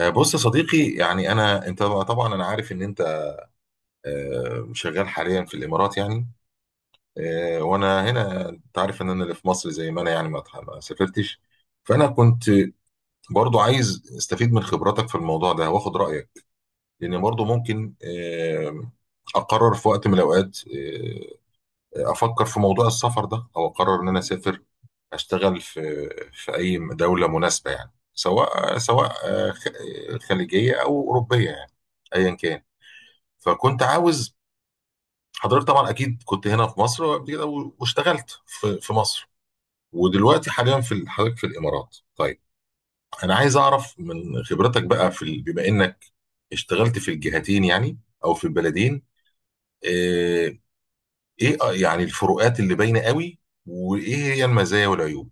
بص يا صديقي يعني انت طبعا انا عارف ان انت شغال حاليا في الامارات يعني. وانا هنا انت عارف ان انا اللي في مصر زي ما انا يعني ما سافرتش. فانا كنت برضو عايز استفيد من خبراتك في الموضوع ده واخد رايك، لان برضو ممكن اقرر في وقت من الاوقات، افكر في موضوع السفر ده او اقرر ان انا اسافر اشتغل في اي دوله مناسبه يعني، سواء خليجيه او اوروبيه يعني، ايا كان. فكنت عاوز حضرتك طبعا اكيد كنت هنا في مصر وقبل كده واشتغلت في مصر، ودلوقتي حاليا حضرتك في الامارات. طيب انا عايز اعرف من خبرتك بقى بما انك اشتغلت في الجهتين يعني او في البلدين. آه، ايه يعني الفروقات اللي باينه قوي، وايه هي المزايا والعيوب؟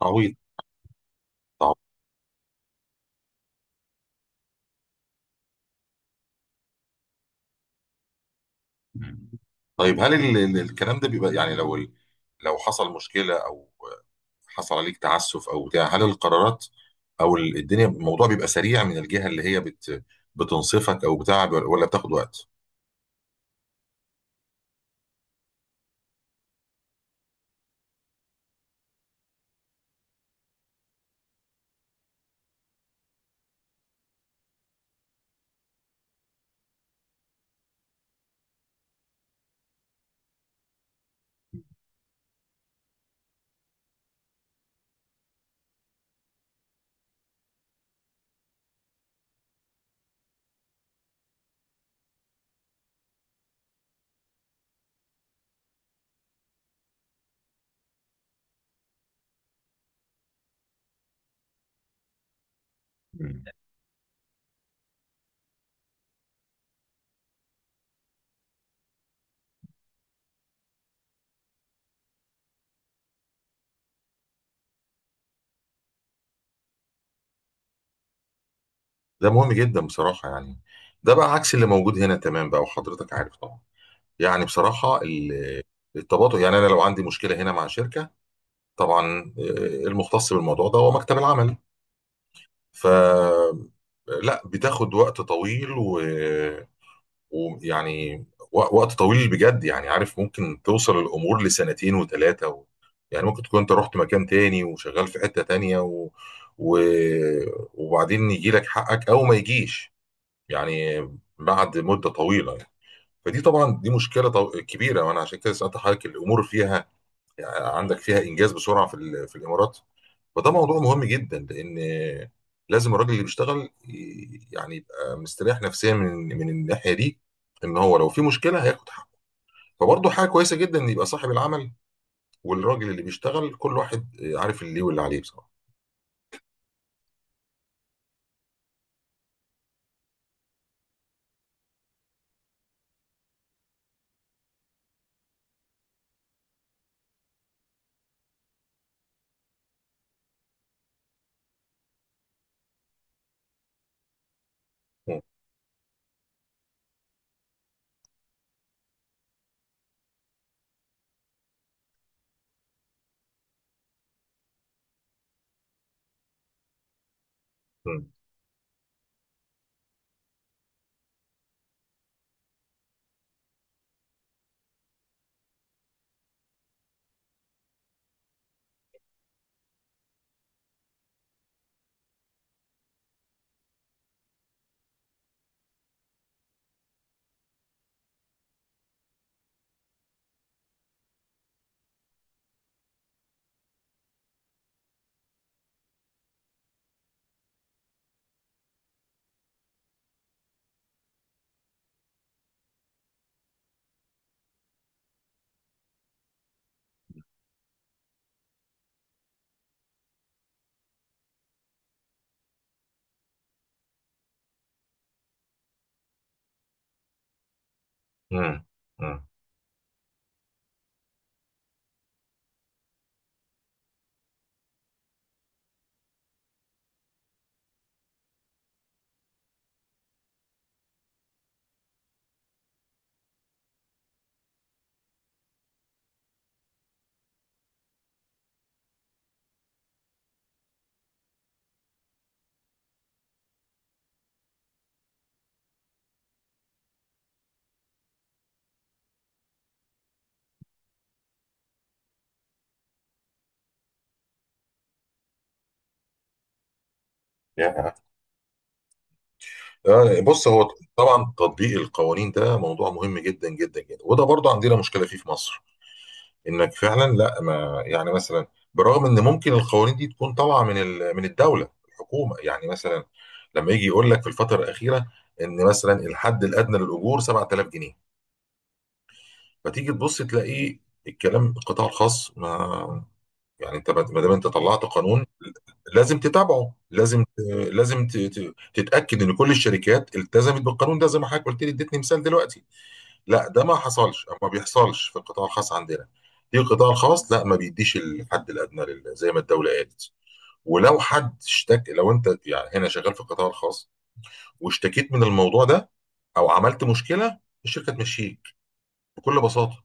تعويض. تعويض. طيب هل الكلام ده بيبقى يعني لو لو حصل مشكله او حصل عليك تعسف او بتاع، هل القرارات او الدنيا الموضوع بيبقى سريع من الجهه اللي هي بتنصفك او بتاع، ولا بتاخد وقت؟ مم. ده مهم جدا بصراحه يعني. ده بقى عكس اللي موجود هنا، تمام بقى، وحضرتك عارف طبعا يعني بصراحه التباطؤ. يعني انا لو عندي مشكله هنا مع شركه، طبعا المختص بالموضوع ده هو مكتب العمل. ف لا، بتاخد وقت طويل ويعني وقت طويل بجد، يعني عارف ممكن توصل الامور لسنتين وثلاثه، يعني ممكن تكون انت رحت مكان تاني وشغال في حته تانيه، و... وبعدين يجي لك حقك او ما يجيش، يعني بعد مده طويله يعني. فدي طبعا دي مشكله كبيره، وانا عشان كده سالت حضرتك الامور فيها، يعني عندك فيها انجاز بسرعه في الامارات. فده موضوع مهم جدا، لان لازم الراجل اللي بيشتغل يعني يبقى مستريح نفسيا من الناحيه دي، ان هو لو في مشكله هياخد حقه. فبرضه حاجه كويسه جدا ان يبقى صاحب العمل والراجل اللي بيشتغل كل واحد عارف اللي ليه واللي عليه بصراحه. مم. مم. مم. مم. يا. بص هو طبعا تطبيق القوانين ده موضوع مهم جدا جدا جدا، وده برضه عندنا مشكله فيه في مصر. انك فعلا لا، ما يعني مثلا برغم ان ممكن القوانين دي تكون طالعه من من الدوله الحكومه يعني، مثلا لما يجي يقول لك في الفتره الاخيره ان مثلا الحد الادنى للاجور 7000 جنيه، فتيجي تبص تلاقيه الكلام القطاع الخاص ما يعني. انت ما دام انت طلعت قانون، لازم تتابعه، لازم لازم تتاكد ان كل الشركات التزمت بالقانون ده، زي ما حضرتك قلت لي اديتني مثال دلوقتي. لا ده ما حصلش او ما بيحصلش في القطاع الخاص عندنا. في القطاع الخاص لا، ما بيديش الحد الادنى زي ما الدوله قالت. ولو حد اشتك، لو انت يعني هنا شغال في القطاع الخاص واشتكيت من الموضوع ده او عملت مشكله، الشركه تمشيك بكل بساطه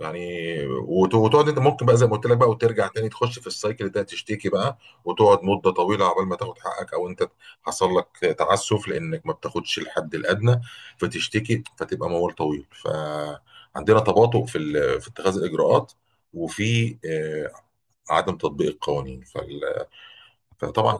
يعني، وتقعد انت ممكن بقى زي ما قلت لك بقى وترجع تاني تخش في السايكل ده تشتكي بقى، وتقعد مده طويله عقبال ما تاخد حقك او انت حصل لك تعسف لانك ما بتاخدش الحد الادنى فتشتكي، فتبقى موال طويل. فعندنا تباطؤ في اتخاذ الاجراءات، وفي عدم تطبيق القوانين. فطبعا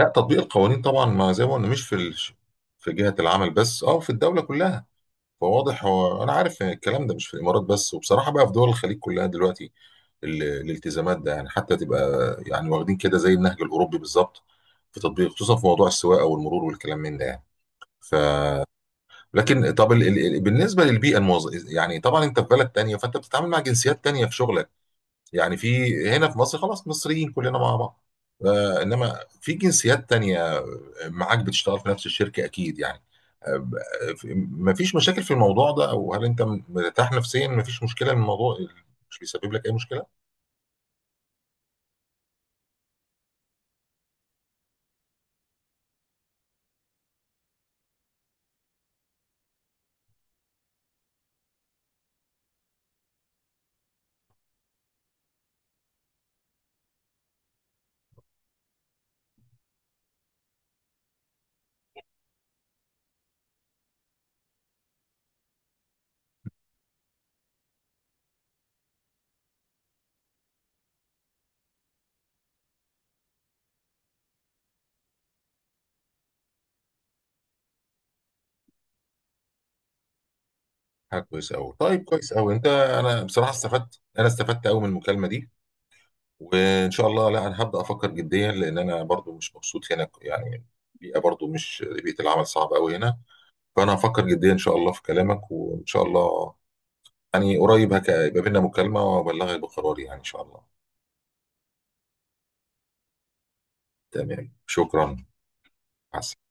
لا، تطبيق القوانين طبعا ما زي ما قلنا مش في جهة العمل بس، اه في الدولة كلها. فواضح هو انا عارف إن الكلام ده مش في الامارات بس، وبصراحه بقى في دول الخليج كلها دلوقتي الالتزامات ده، يعني حتى تبقى يعني واخدين كده زي النهج الاوروبي بالظبط في تطبيق، خصوصا في موضوع السواقه والمرور والكلام من ده يعني. ف لكن طب بالنسبه للبيئه يعني طبعا انت في بلد تانية فانت بتتعامل مع جنسيات تانية في شغلك يعني. في هنا في مصر خلاص مصريين كلنا مع بعض. انما في جنسيات تانية معاك بتشتغل في نفس الشركة اكيد يعني. مفيش مشاكل في الموضوع ده، او هل انت مرتاح نفسيا؟ مفيش مشكلة من الموضوع، مش بيسبب لك اي مشكلة؟ حاجة كويسة قوي، طيب كويس قوي. انت انا بصراحة استفدت، انا استفدت قوي من المكالمة دي، وان شاء الله لا، انا هبدأ افكر جديا لان انا برضو مش مبسوط هنا يعني. البيئة برضو مش، بيئة العمل صعبة قوي هنا. فانا هفكر جديا ان شاء الله في كلامك، وان شاء الله يعني قريب هيبقى بينا مكالمة وأبلغك بقراري يعني إن شاء الله. تمام، شكرا. مع السلامة.